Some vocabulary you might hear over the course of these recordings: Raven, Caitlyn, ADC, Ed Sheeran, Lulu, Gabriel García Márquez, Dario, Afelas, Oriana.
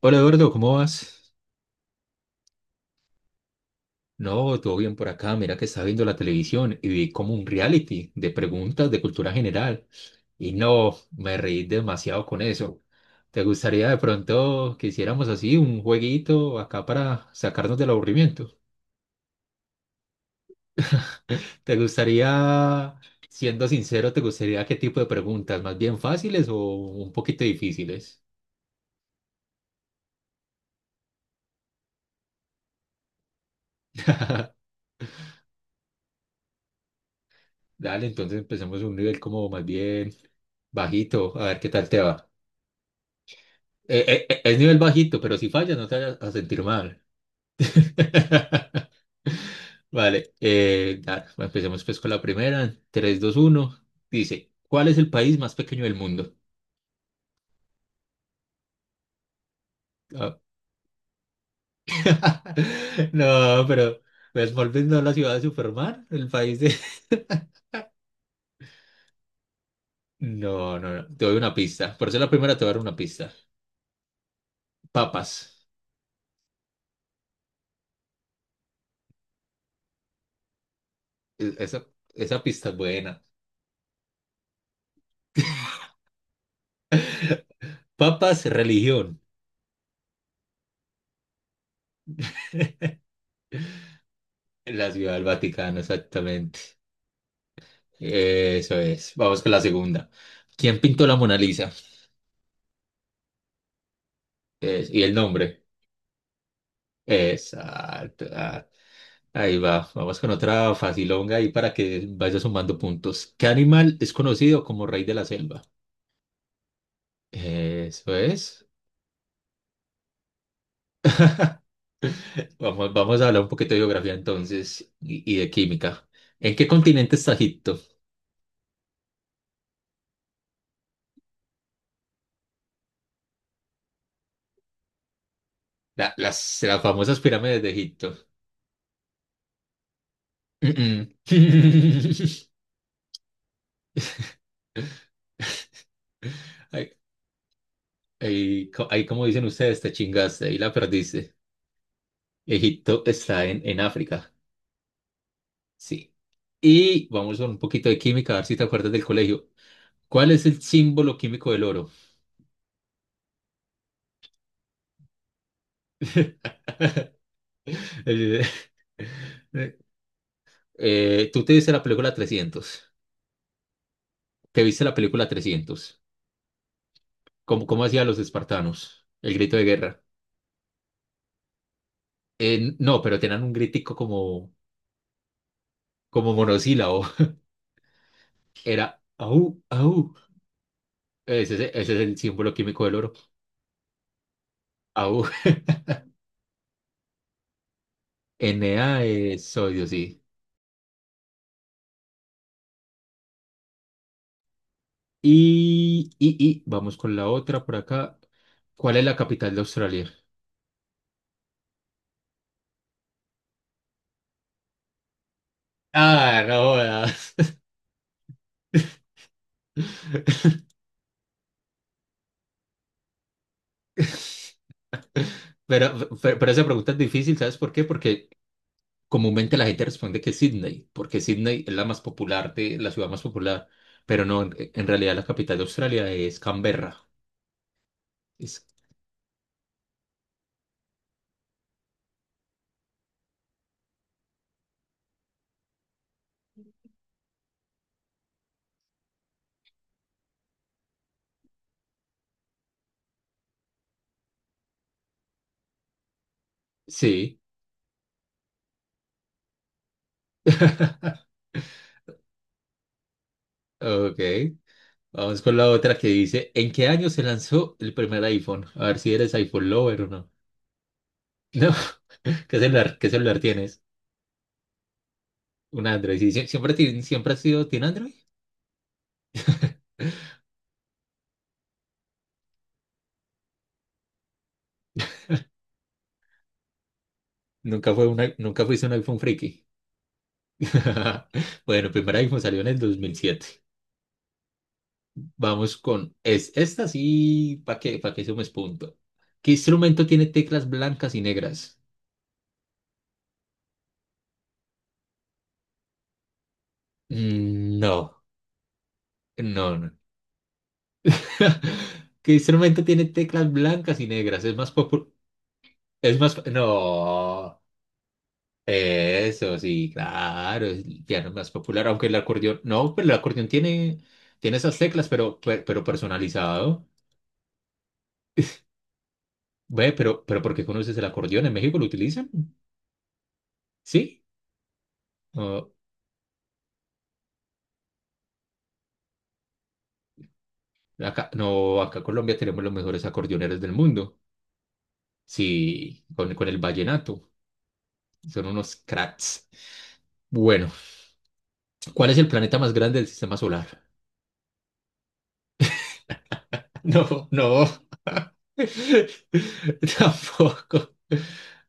Hola Eduardo, ¿cómo vas? No, todo bien por acá. Mira que estaba viendo la televisión y vi como un reality de preguntas de cultura general. Y no, me reí demasiado con eso. ¿Te gustaría de pronto que hiciéramos así un jueguito acá para sacarnos del aburrimiento? ¿Te gustaría, siendo sincero, te gustaría qué tipo de preguntas? ¿Más bien fáciles o un poquito difíciles? Dale, entonces empecemos un nivel como más bien bajito, a ver qué tal te va. Es nivel bajito, pero si fallas no te vayas a sentir mal. Vale, empecemos pues con la primera. Tres, dos, uno. Dice, ¿cuál es el país más pequeño del mundo? Ah. No, pero pues, Smallville no es la ciudad de Superman, el país de... No, no, no, te doy una pista. Por eso la primera te voy a dar una pista. Papas. Esa, esa pista es buena. Papas, religión. La ciudad del Vaticano, exactamente. Eso es. Vamos con la segunda. ¿Quién pintó la Mona Lisa? Y el nombre. Exacto. Ah, ahí va. Vamos con otra facilonga ahí para que vaya sumando puntos. ¿Qué animal es conocido como rey de la selva? Eso es. Vamos, vamos a hablar un poquito de geografía entonces y de química. ¿En qué continente está Egipto? Las famosas pirámides de Egipto. Mm, mm. Ahí, Ahí, como dicen ustedes, te chingaste, ahí la perdiste. Egipto está en África, sí. Y vamos con un poquito de química, a ver si te acuerdas del colegio. ¿Cuál es el símbolo químico del oro? Eh, ¿Tú te viste la película trescientos? ¿Te viste la película 300? Cómo hacían los espartanos? El grito de guerra. No, pero tenían un gritico como, como monosílabo. Era au, au. Ese es el símbolo químico del oro. Au. Na es sodio, sí. Y vamos con la otra por acá. ¿Cuál es la capital de Australia? Ah, no jodas. Pero, pero esa pregunta es difícil, ¿sabes por qué? Porque comúnmente la gente responde que Sydney, porque Sydney es la más popular de la ciudad más popular, pero no, en realidad la capital de Australia es Canberra. Es- sí. Ok. Vamos con la otra que dice, ¿en qué año se lanzó el primer iPhone? A ver si eres iPhone lover o no. No, qué celular tienes? Un Android, sí, siempre, siempre has sido, ¿tiene Android? Nunca fue una, nunca fuiste un iPhone friki. Bueno, primer iPhone salió en el dos mil siete. Vamos con esta sí, para qué sumes punto? ¿Qué instrumento tiene teclas blancas y negras? Mm, no, no, no. ¿Qué instrumento tiene teclas blancas y negras? Es más popu- es más, No. Eso, sí, claro, es el piano más popular, aunque el acordeón, no, pero el acordeón tiene, tiene esas teclas, pero, pero, personalizado. Ve, pero ¿por qué conoces el acordeón? ¿En México lo utilizan? Sí. Oh, acá, no, acá en Colombia tenemos los mejores acordeoneros del mundo. Sí, con el vallenato. Son unos cracks. Bueno, ¿cuál es el planeta más grande del sistema solar? No, no. Tampoco.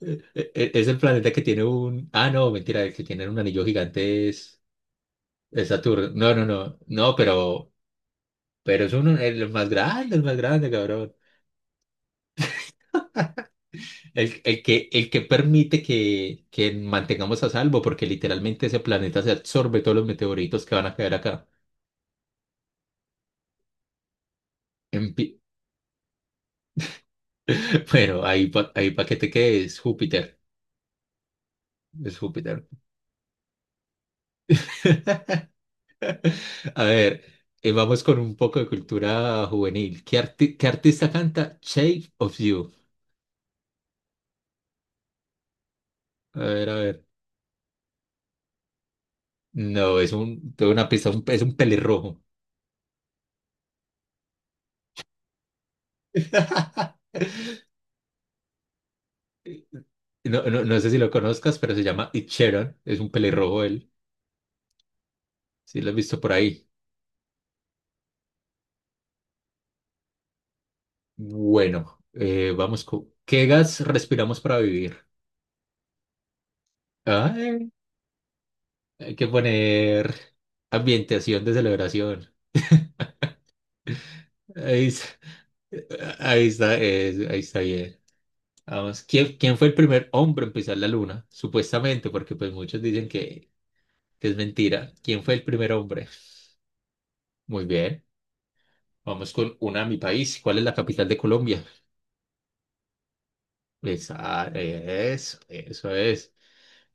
Es el planeta que tiene un... Ah, no, mentira, el que tiene un anillo gigante es Saturno. No, no, no, no, pero es uno, el más grande, cabrón. El que permite que mantengamos a salvo, porque literalmente ese planeta se absorbe todos los meteoritos que van a caer acá. En pi- Bueno, ahí para que te quedes, Júpiter. Es Júpiter. A ver, vamos con un poco de cultura juvenil. Qué artista canta Shape of You? A ver, a ver. No, es un, tengo una pista, es un pelirrojo. No, no, no sé si lo conozcas, pero se llama Ed Sheeran. Es un pelirrojo él. Sí, lo has visto por ahí. Bueno, vamos con... ¿Qué gas respiramos para vivir? Ay, hay que poner ambientación de celebración. Ahí, es- Ahí está, ahí está bien. Vamos, quién fue el primer hombre en pisar la luna? Supuestamente, porque pues muchos dicen que es mentira. ¿Quién fue el primer hombre? Muy bien, vamos con una a mi país. ¿Cuál es la capital de Colombia? Esa, eso es.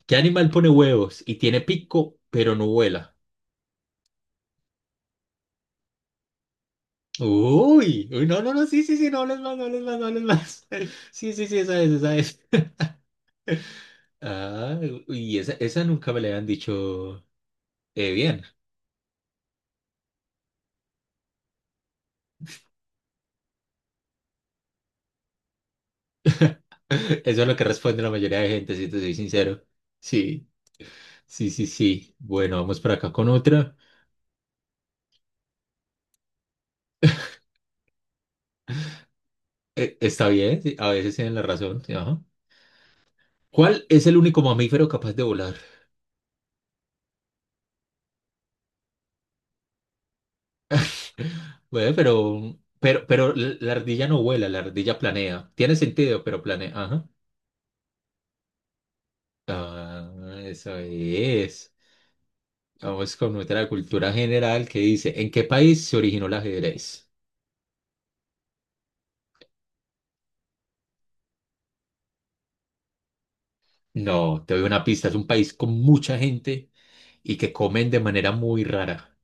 ¿Qué animal pone huevos y tiene pico, pero no vuela? Uy, uy, no, no, no, sí, sí, sí, no hables más, no hables más, no hables más. Sí, sí, sí, esa es, esa es. Ah, y esa nunca me la habían dicho bien. Eso es lo que responde la mayoría de gente, si te soy sincero. Sí, sí, sí, sí. Bueno, vamos por acá con otra. Está bien, sí, a veces tienen la razón. Sí, ajá. ¿Cuál es el único mamífero capaz de volar? Bueno, pero la ardilla no vuela, la ardilla planea. Tiene sentido, pero planea. Ajá. Ah, eso es. Vamos con otra cultura general que dice, ¿en qué país se originó el ajedrez? No, te doy una pista. Es un país con mucha gente y que comen de manera muy rara.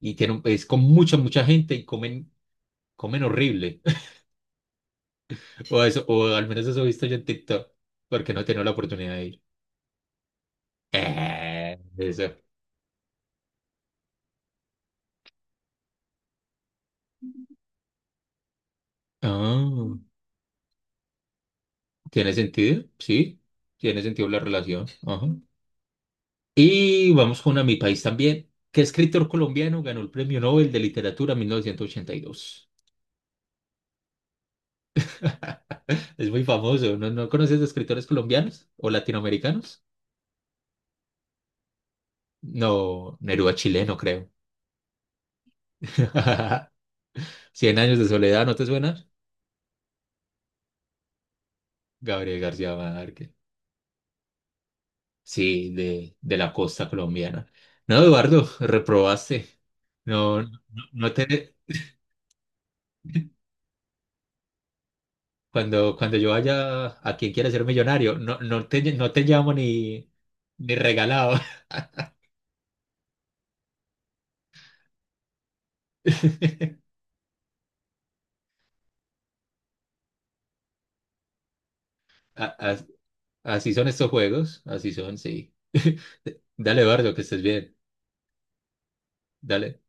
Y tiene un país con mucha, mucha gente y comen, comen horrible. O eso, o al menos eso he visto yo en TikTok, porque no he tenido la oportunidad de ir. Eso. Ah, ¿tiene sentido? Sí, tiene sentido la relación. Ajá. Y vamos con a Mi País también. ¿Qué escritor colombiano ganó el Premio Nobel de Literatura en 1982? Es muy famoso. ¿No, no conoces de escritores colombianos o latinoamericanos? No, Neruda chileno, creo. Cien años de soledad, ¿no te suena? Gabriel García Márquez. Sí, de la costa colombiana. No, Eduardo, reprobaste. No, no, no te... cuando yo vaya a quien quiera ser millonario, no, no te llamo ni regalado. A- as- Así son estos juegos, así son, sí. Dale, Eduardo, que estés bien. Dale.